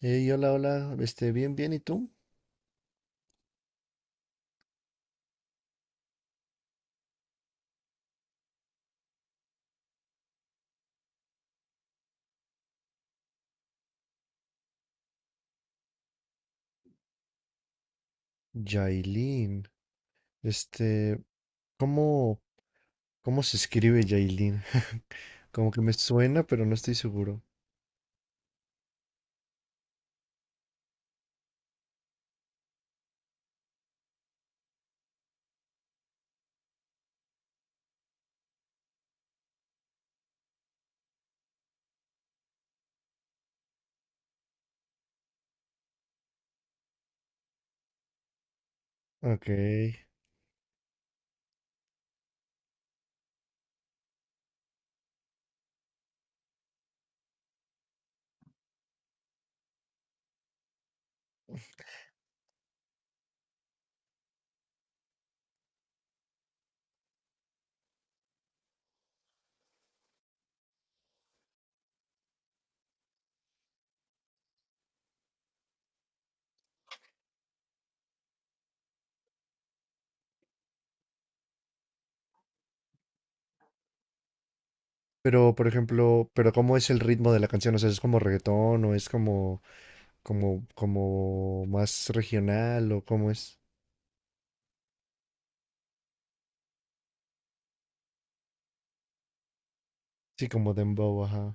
Hey, hola, hola, bien, bien, ¿y tú? Yailin, este, ¿cómo, cómo se escribe Yailin? Como que me suena, pero no estoy seguro. Ok. Pero, por ejemplo, pero ¿cómo es el ritmo de la canción? O sea, ¿es como reggaetón o es como más regional o cómo es? Sí, como dembow, ajá.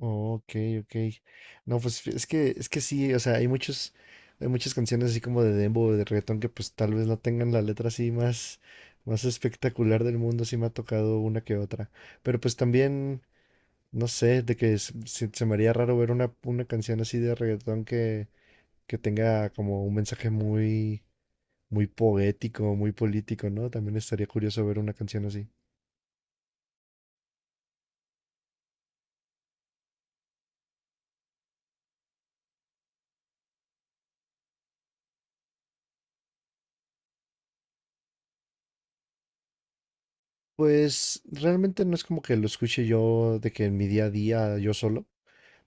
Oh, ok, ok. No, pues es que sí, o sea, hay muchas canciones así como de dembow, de reggaetón que pues tal vez no tengan la letra así más espectacular del mundo. Sí me ha tocado una que otra. Pero pues también, no sé, de que se me haría raro ver una canción así de reggaetón que tenga como un mensaje muy, muy poético, muy político, ¿no? También estaría curioso ver una canción así. Pues realmente no es como que lo escuche yo de que en mi día a día yo solo,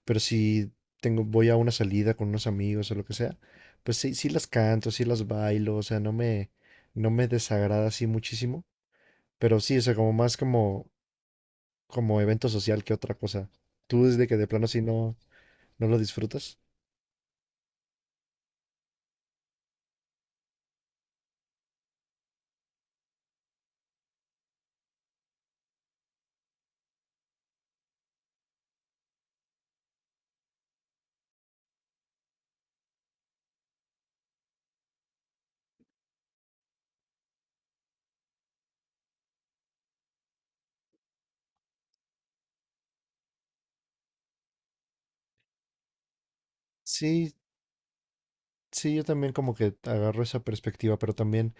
pero si tengo, voy a una salida con unos amigos o lo que sea, pues sí, sí las canto, sí las bailo, o sea, no me desagrada así muchísimo, pero sí, o sea, como más como evento social que otra cosa. ¿Tú desde que de plano así no lo disfrutas? Sí. Sí, yo también como que agarro esa perspectiva, pero también,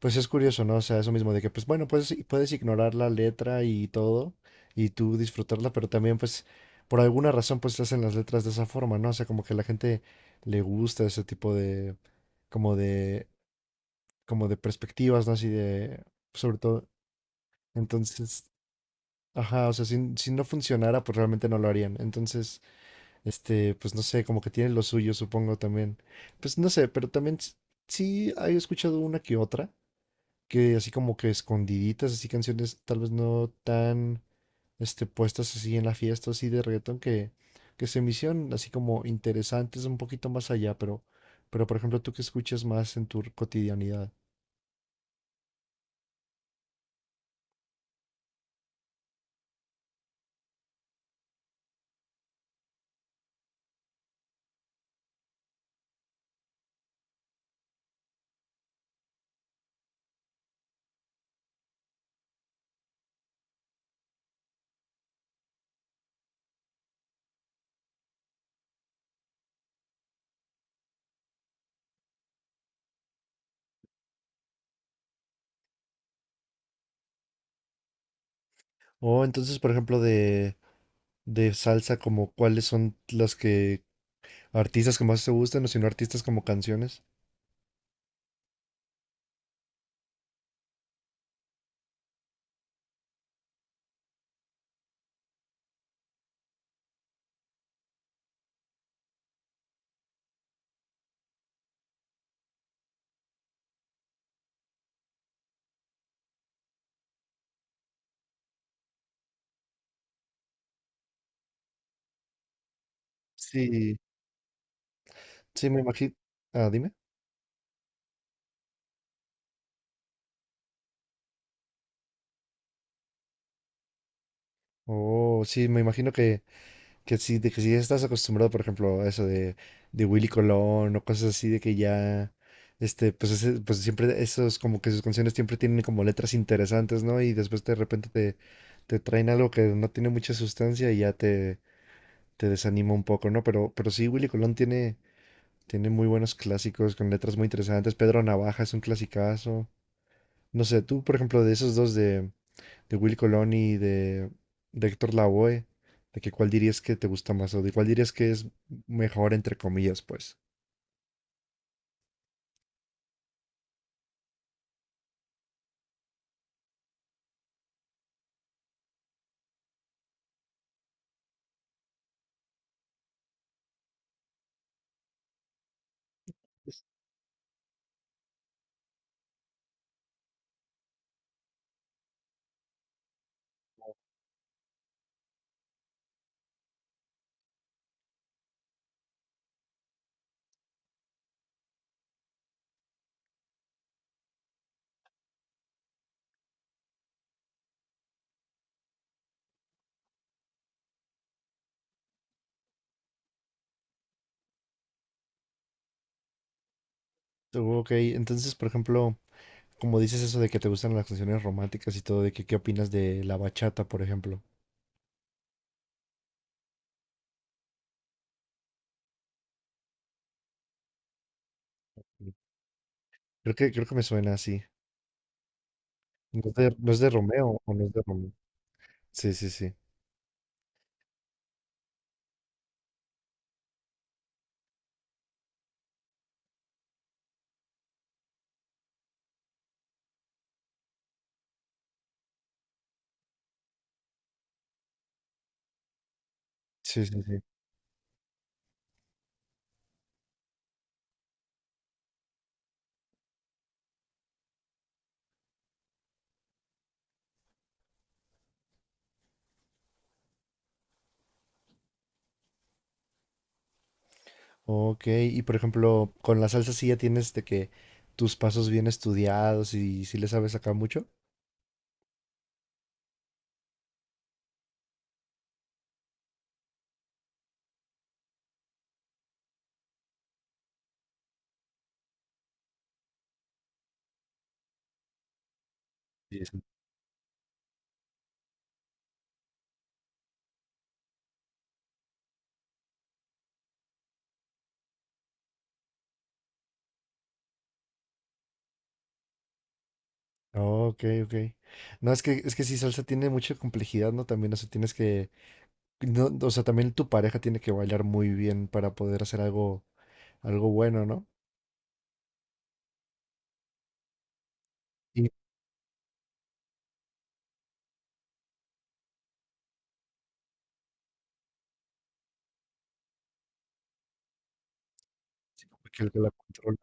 pues es curioso, ¿no? O sea, eso mismo de que, pues bueno, puedes ignorar la letra y todo, y tú disfrutarla, pero también, pues, por alguna razón, pues se hacen las letras de esa forma, ¿no? O sea, como que a la gente le gusta ese tipo de, como de, como de perspectivas, ¿no? Así de, sobre todo, entonces, ajá, o sea, si no funcionara, pues realmente no lo harían. Entonces, pues no sé, como que tiene lo suyo, supongo también. Pues no sé, pero también sí he escuchado una que otra, que así como que escondiditas, así canciones tal vez no tan, puestas así en la fiesta, así de reggaetón, que se me hicieron así como interesantes un poquito más allá, pero por ejemplo, tú que escuchas más en tu cotidianidad. O entonces, por ejemplo, de salsa, como cuáles son las que, artistas que más te gustan, o si no artistas como canciones. Sí. Sí, me imagino. Ah, dime. Oh, sí, me imagino que sí, de que si estás acostumbrado, por ejemplo, a eso de Willy Colón o cosas así, de que ya, pues siempre esos, como que sus canciones siempre tienen como letras interesantes, ¿no? Y después de repente te traen algo que no tiene mucha sustancia y ya te desanima un poco, ¿no? Pero sí, Willy Colón tiene muy buenos clásicos con letras muy interesantes. Pedro Navaja es un clasicazo. No sé, tú, por ejemplo, de esos dos de Will Colón y de Héctor Lavoe, de que cuál dirías que te gusta más o de cuál dirías que es mejor, entre comillas, pues. Ok, entonces, por ejemplo, como dices eso de que te gustan las canciones románticas y todo, de que qué opinas de la bachata, por ejemplo. Creo que me suena así. ¿No es de Romeo o no es de Romeo? Sí, sí, sí. Sí, sí, sí. Ok, y por ejemplo, con la salsa sí ya tienes de que tus pasos bien estudiados y si le sabes acá mucho. Ok, ok. No, es que si salsa tiene mucha complejidad, ¿no? También, o sea, tienes que, no, o sea, también tu pareja tiene que bailar muy bien para poder hacer algo, bueno, ¿no? Y que el que la controla.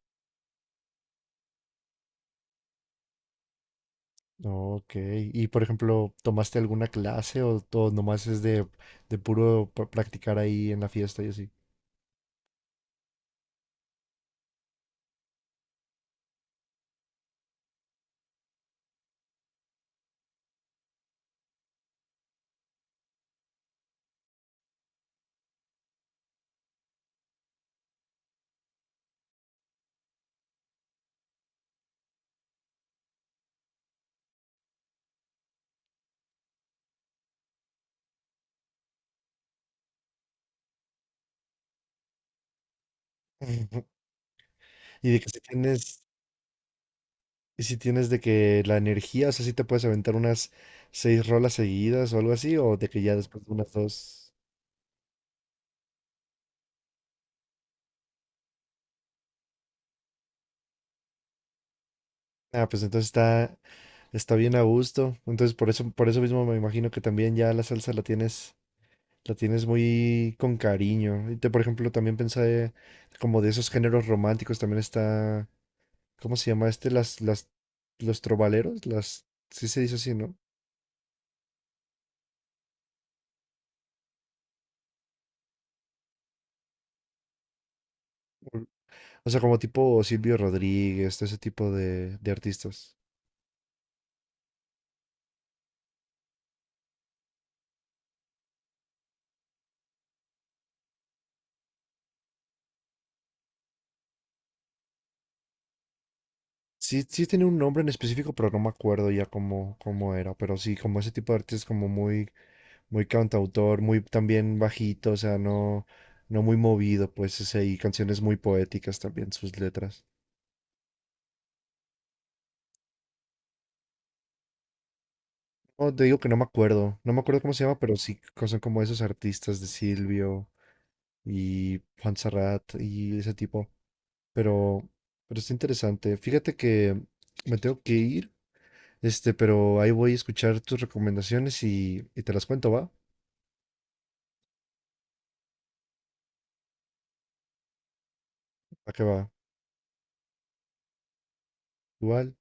Ok, y por ejemplo, ¿tomaste alguna clase o todo nomás es de puro practicar ahí en la fiesta y así? Y de que si tienes, y si tienes de que la energía, o sea, si te puedes aventar unas seis rolas seguidas o algo así, o de que ya después de unas dos. Ah, pues entonces está. Está bien a gusto. Entonces, por eso, mismo me imagino que también ya la salsa la tienes muy con cariño. Y te, por ejemplo, también pensé como de esos géneros románticos, también está, ¿cómo se llama este? Los trovaleros, sí se dice así, ¿no? O sea, como tipo Silvio Rodríguez, todo ese tipo de artistas. Sí, sí tiene un nombre en específico, pero no me acuerdo ya cómo era. Pero sí, como ese tipo de artistas como muy muy cantautor, muy también bajito, o sea, no muy movido, pues, y canciones muy poéticas también, sus letras. No, te digo que no me acuerdo cómo se llama, pero sí son como esos artistas de Silvio y Serrat y ese tipo, pero, pero está interesante. Fíjate que me tengo que ir, pero ahí voy a escuchar tus recomendaciones y te las cuento, ¿va? ¿A qué va? Igual.